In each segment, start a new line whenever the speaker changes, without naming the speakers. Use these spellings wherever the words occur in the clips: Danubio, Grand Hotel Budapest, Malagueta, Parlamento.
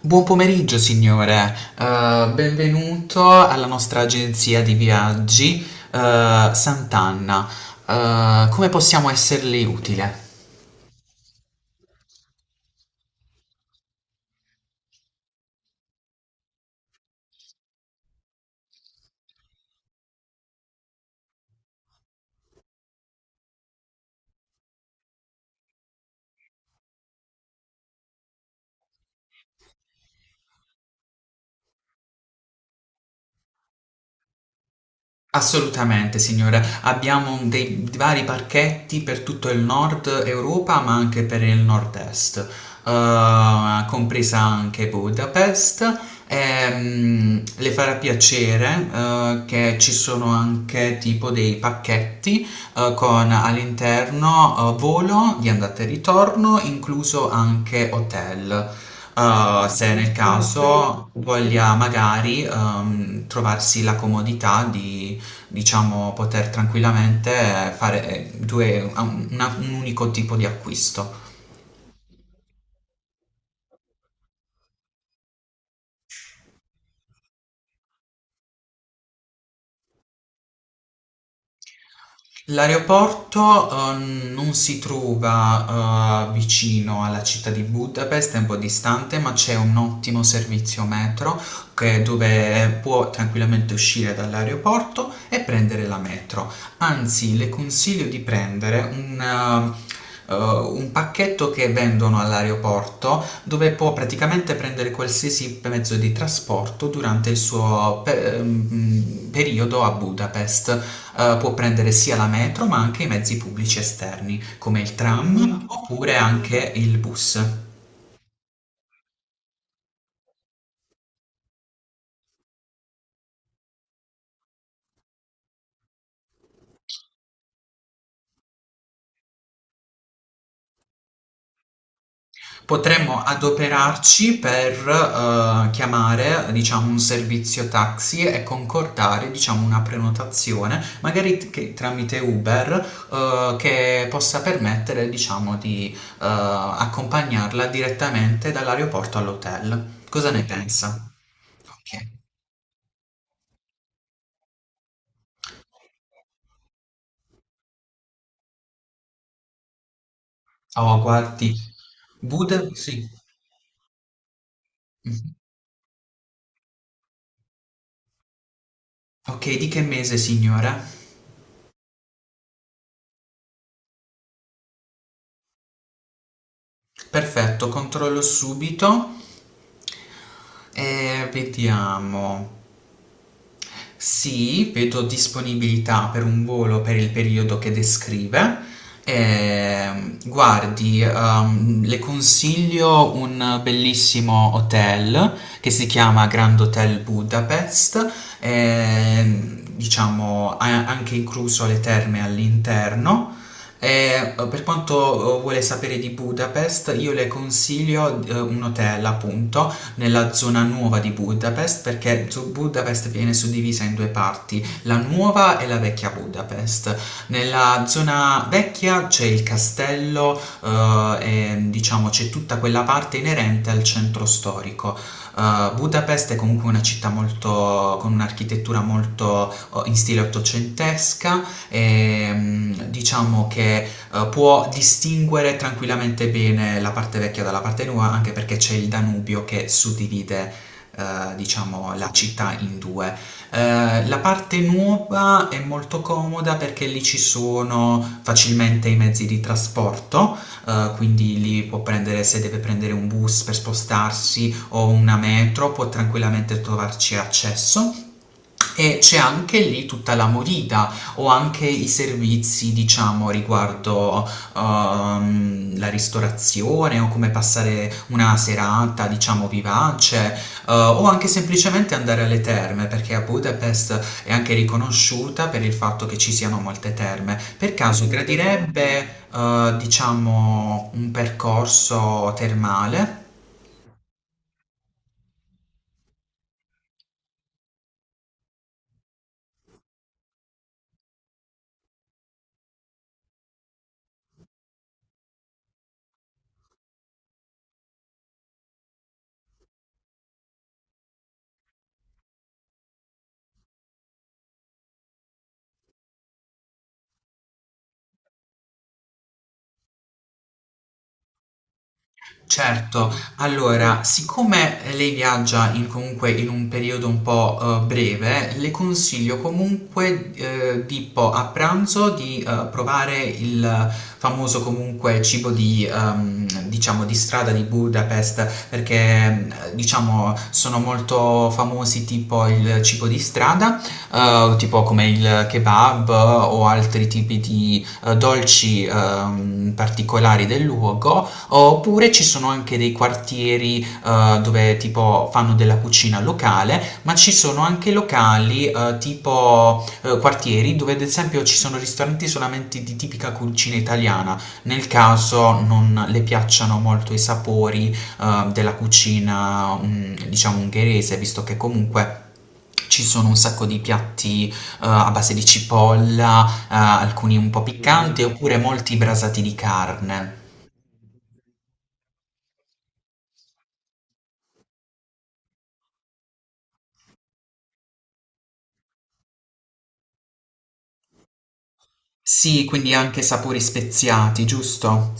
Buon pomeriggio, signore. Benvenuto alla nostra agenzia di viaggi, Sant'Anna. Come possiamo esserle utile? Assolutamente signora, abbiamo dei vari parchetti per tutto il Nord Europa, ma anche per il Nord-Est, compresa anche Budapest. Le farà piacere, che ci sono anche tipo dei pacchetti, con all'interno, volo di andata e ritorno, incluso anche hotel. Se nel Ah, ok. caso voglia magari trovarsi la comodità di diciamo poter tranquillamente fare un unico tipo di acquisto. L'aeroporto, non si trova, vicino alla città di Budapest, è un po' distante, ma c'è un ottimo servizio metro dove può tranquillamente uscire dall'aeroporto e prendere la metro. Anzi, le consiglio di prendere un pacchetto che vendono all'aeroporto dove può praticamente prendere qualsiasi mezzo di trasporto durante il suo periodo a Budapest. Può prendere sia la metro ma anche i mezzi pubblici esterni come il tram oppure anche il bus. Potremmo adoperarci per chiamare, diciamo, un servizio taxi e concordare, diciamo, una prenotazione, magari tramite Uber, che possa permettere, diciamo, di accompagnarla direttamente dall'aeroporto all'hotel. Cosa ne pensa? Ok. Oh, guardi, Budapest, sì. Mhm. Ok, di che mese, signora? Perfetto, controllo subito e vediamo. Sì, vedo disponibilità per un volo per il periodo che descrive. Guardi, le consiglio un bellissimo hotel che si chiama Grand Hotel Budapest, diciamo ha anche incluso le terme all'interno. E, per quanto vuole sapere di Budapest, io le consiglio un hotel, appunto, nella zona nuova di Budapest perché Budapest viene suddivisa in due parti, la nuova e la vecchia Budapest. Nella zona vecchia c'è il castello e diciamo c'è tutta quella parte inerente al centro storico. Budapest è comunque una città molto, con un'architettura molto in stile ottocentesca e diciamo che può distinguere tranquillamente bene la parte vecchia dalla parte nuova, anche perché c'è il Danubio che suddivide eh, diciamo la città in due. La parte nuova è molto comoda perché lì ci sono facilmente i mezzi di trasporto, quindi lì può prendere, se deve prendere un bus per spostarsi o una metro, può tranquillamente trovarci accesso. E c'è anche lì tutta la morita o anche i servizi, diciamo, riguardo la ristorazione o come passare una serata, diciamo, vivace, o anche semplicemente andare alle terme, perché a Budapest è anche riconosciuta per il fatto che ci siano molte terme. Per caso gradirebbe, diciamo, un percorso termale? Certo, allora, siccome lei viaggia in comunque in un periodo un po', breve, le consiglio comunque, tipo a pranzo di, provare il famoso comunque cibo di, diciamo, di strada di Budapest, perché, diciamo, sono molto famosi tipo il cibo di strada, tipo come il kebab o altri tipi di, dolci, particolari del luogo oppure ci sono anche dei quartieri dove tipo fanno della cucina locale, ma ci sono anche locali tipo quartieri dove ad esempio ci sono ristoranti solamente di tipica cucina italiana, nel caso non le piacciono molto i sapori della cucina diciamo ungherese, visto che comunque ci sono un sacco di piatti a base di cipolla, alcuni un po' piccanti, Mm, oppure molti brasati di carne. Sì, quindi anche sapori speziati, giusto?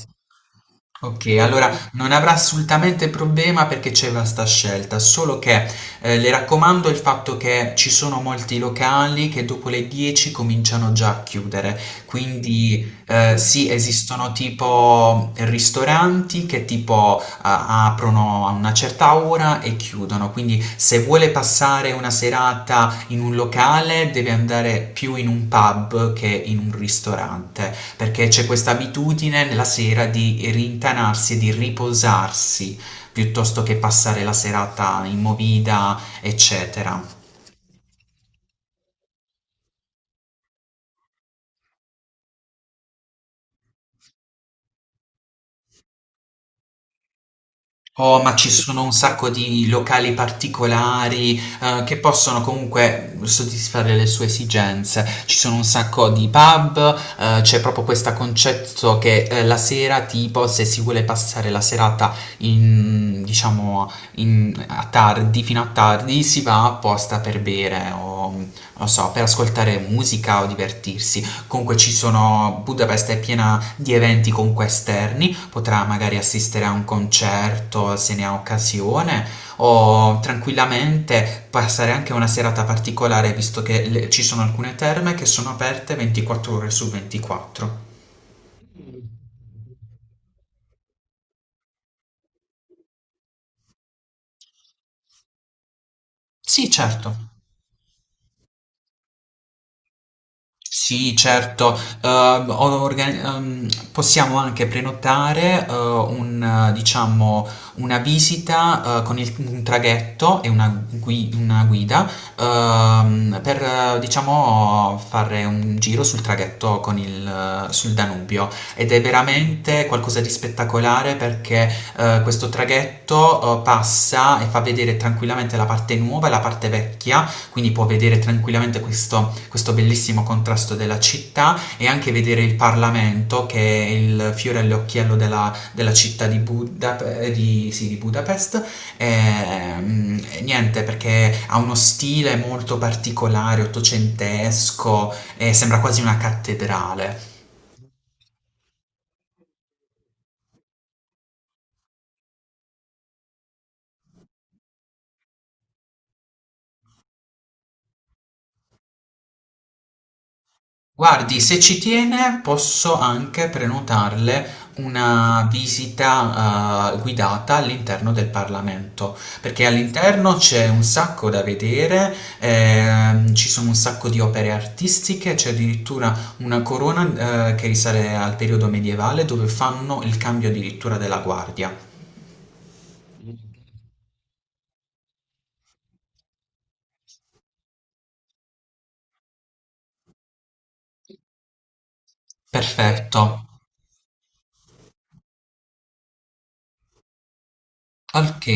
Ok, allora non avrà assolutamente problema perché c'è vasta scelta, solo che le raccomando il fatto che ci sono molti locali che dopo le 10 cominciano già a chiudere, quindi sì, esistono tipo ristoranti che tipo aprono a una certa ora e chiudono, quindi se vuole passare una serata in un locale deve andare più in un pub che in un ristorante perché c'è questa abitudine la sera di rintanarsi e di riposarsi piuttosto che passare la serata in movida, eccetera. Oh, ma ci sono un sacco di locali particolari, che possono comunque soddisfare le sue esigenze. Ci sono un sacco di pub, c'è proprio questo concetto che la sera, tipo, se si vuole passare la serata in, diciamo, a tardi, fino a tardi, si va apposta per bere o, non so, per ascoltare musica o divertirsi. Comunque ci sono, Budapest è piena di eventi comunque esterni, potrà magari assistere a un concerto se ne ha occasione o tranquillamente passare anche una serata particolare visto che ci sono alcune terme che sono aperte 24 ore su 24. Sì, certo. Sì, certo. Possiamo anche prenotare un, diciamo, una visita con un traghetto e una, una guida per diciamo, fare un giro sul traghetto con il, sul Danubio ed è veramente qualcosa di spettacolare perché questo traghetto passa e fa vedere tranquillamente la parte nuova e la parte vecchia quindi può vedere tranquillamente questo bellissimo contrasto della città e anche vedere il Parlamento che è il fiore all'occhiello della, della città di, di Budapest. E, mm, niente, perché ha uno stile molto particolare, ottocentesco, e sembra quasi una cattedrale. Guardi, se ci tiene, posso anche prenotarle una visita, guidata all'interno del Parlamento, perché all'interno c'è un sacco da vedere, ci sono un sacco di opere artistiche, c'è addirittura una corona, che risale al periodo medievale dove fanno il cambio addirittura della guardia. Perfetto. Ok.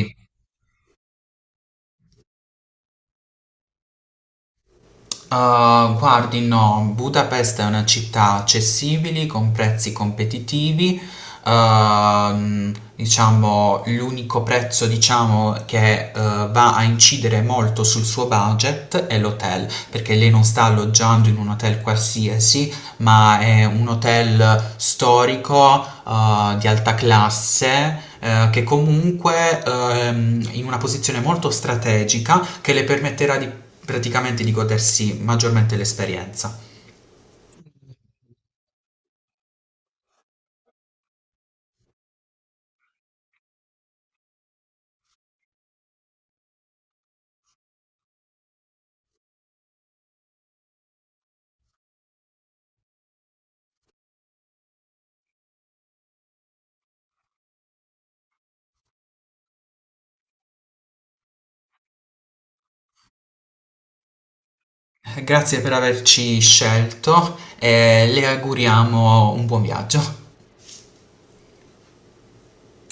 Ah, guardi, no, Budapest è una città accessibile, con prezzi competitivi. Diciamo, l'unico prezzo, diciamo, che va a incidere molto sul suo budget è l'hotel, perché lei non sta alloggiando in un hotel qualsiasi, ma è un hotel storico di alta classe che comunque in una posizione molto strategica che le permetterà di praticamente di godersi maggiormente l'esperienza. Grazie per averci scelto e le auguriamo un buon viaggio.